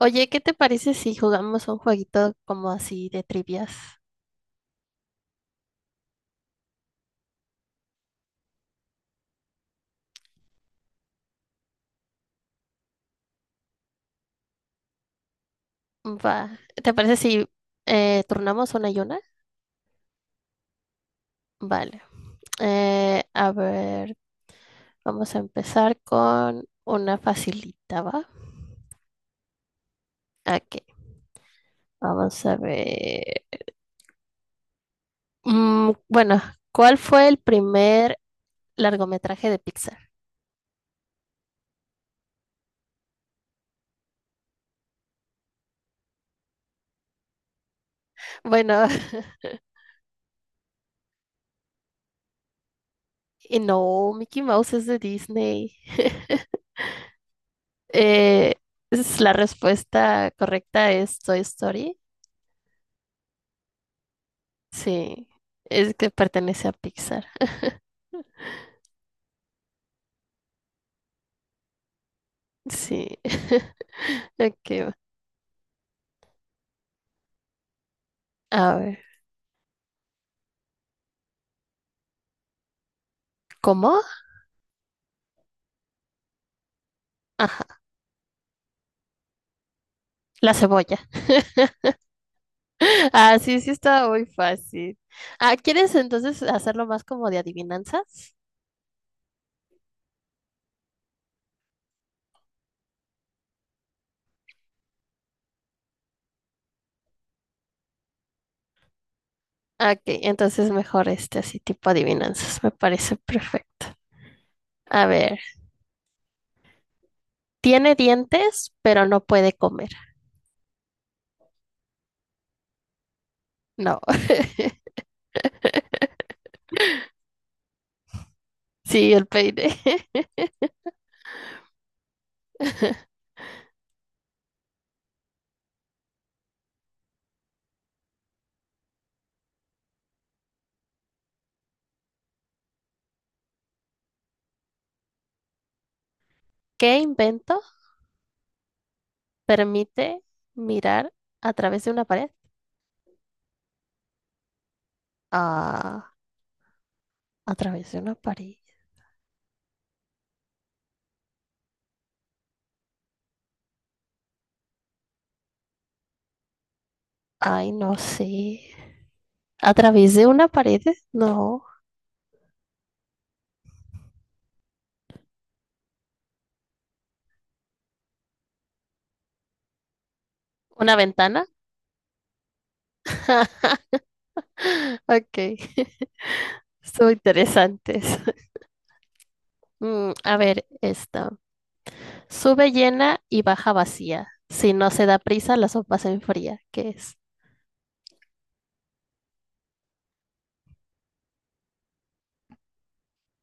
Oye, ¿qué te parece si jugamos un jueguito como así de trivias? Va. ¿Te parece si turnamos una y una? Vale. Eh, a ver, vamos a empezar con una facilita, ¿va? Aquí. Vamos a ver. Mm, bueno, ¿Cuál fue el primer largometraje de Pixar? Bueno, y no, Mickey Mouse es de Disney. Eh, es la respuesta correcta es Toy Story. Sí, es que pertenece a Pixar. Sí. Aquí va. A ver. ¿Cómo? Ajá, la cebolla. Ah, sí, sí está muy fácil. Ah, ¿quieres entonces hacerlo más como de adivinanzas? Ah, ok, entonces mejor este así tipo adivinanzas, me parece perfecto. A ver, tiene dientes, pero no puede comer. No, sí, el peine. ¿Qué invento permite mirar a través de una pared? Ah. A través de una pared. Ay, no sé. ¿A través de una pared? No. ¿Una ventana? Ok. Estuvo interesantes. A ver, esta. Sube llena y baja vacía. Si no se da prisa, la sopa se enfría. ¿Qué es?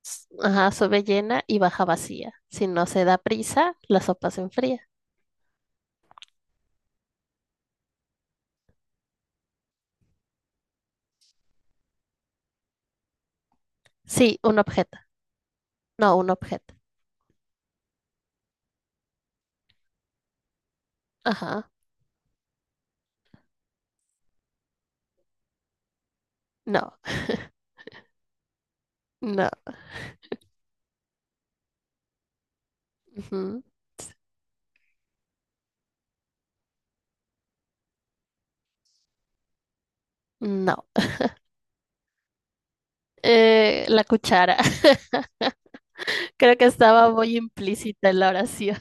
Ajá, sube llena y baja vacía. Si no se da prisa, la sopa se enfría. Sí, un objeto. No, un objeto. Ajá. No, no. Ujú. No. La cuchara. Creo que estaba muy implícita en la oración.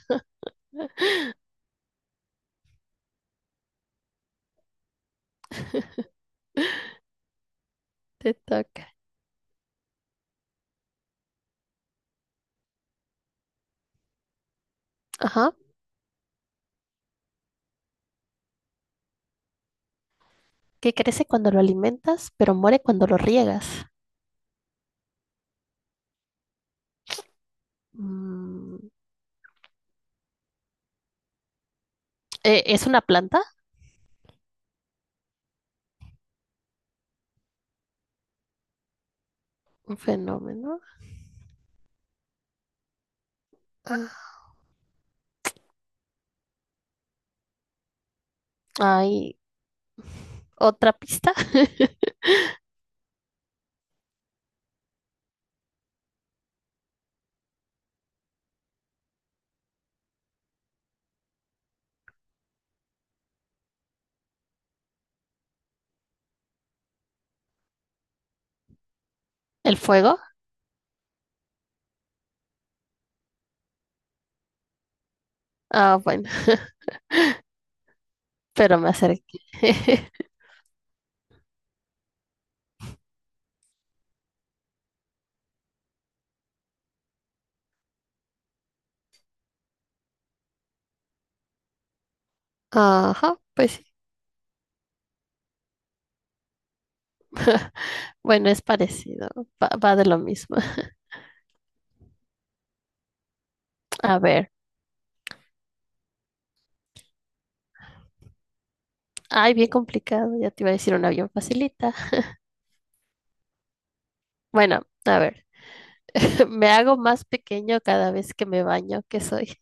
Te toca. Ajá. Que crece cuando lo alimentas, pero muere cuando lo riegas. Mm, ¿es una planta? Un fenómeno. Ah, hay otra pista. El fuego. Ah, bueno, pero me acerqué. Ajá, pues sí. Bueno, es parecido. Va, va de lo mismo. A ver. Ay, bien complicado. Ya te iba a decir una bien facilita. Bueno, a ver. Me hago más pequeño cada vez que me baño. ¿Qué soy?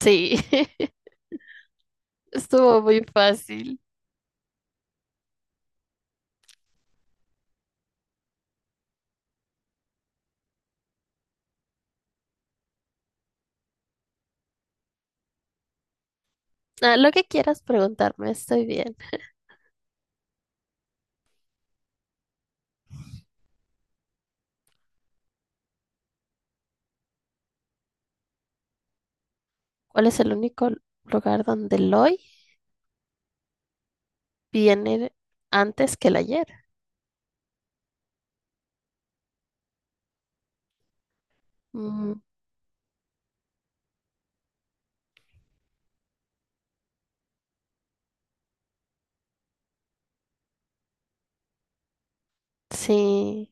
Sí, estuvo muy fácil. Ah, lo que quieras preguntarme, estoy bien. ¿Cuál es el único lugar donde el hoy viene antes que el ayer? Mm, sí,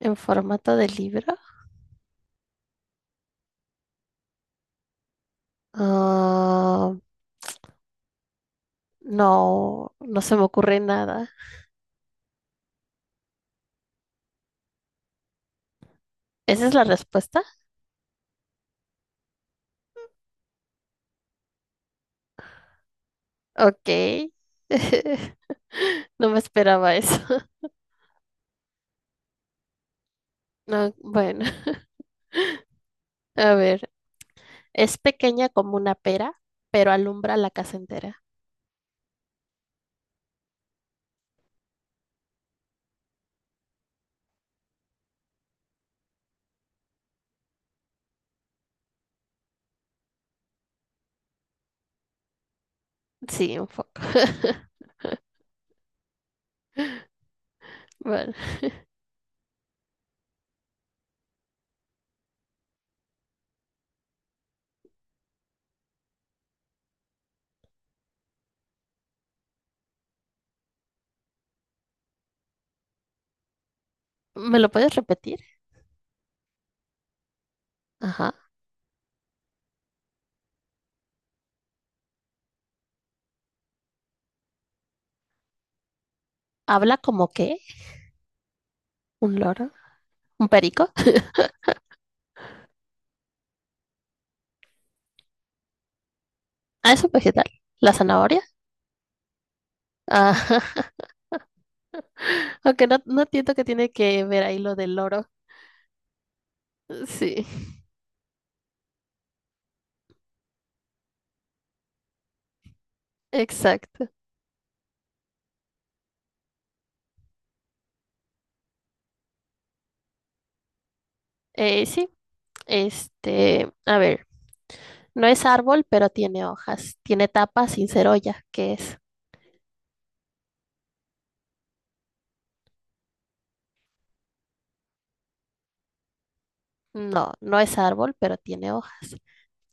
en formato de libro. Ah, no, no se me ocurre nada. ¿Esa es la respuesta? Ok. No me esperaba eso. No, bueno, a ver. Es pequeña como una pera, pero alumbra la casa entera. Sí, un poco. Bueno. ¿Me lo puedes repetir? Ajá. ¿Habla como qué? ¿Un loro? ¿Un perico? Ah, es un vegetal. ¿La zanahoria? Ajá. Aunque no, no entiendo que tiene que ver ahí lo del loro. Sí, exacto. Sí, este, a ver, no es árbol, pero tiene hojas. Tiene tapa sin ser olla. ¿Qué es? No, no es árbol, pero tiene hojas.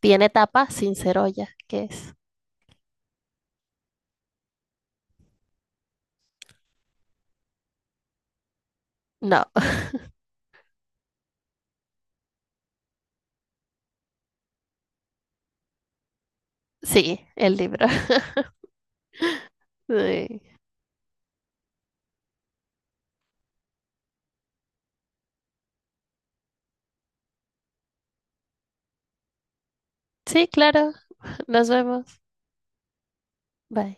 Tiene tapa sin ser olla. ¿Qué es? No, sí, el libro. Sí, sí, claro. Nos vemos. Bye.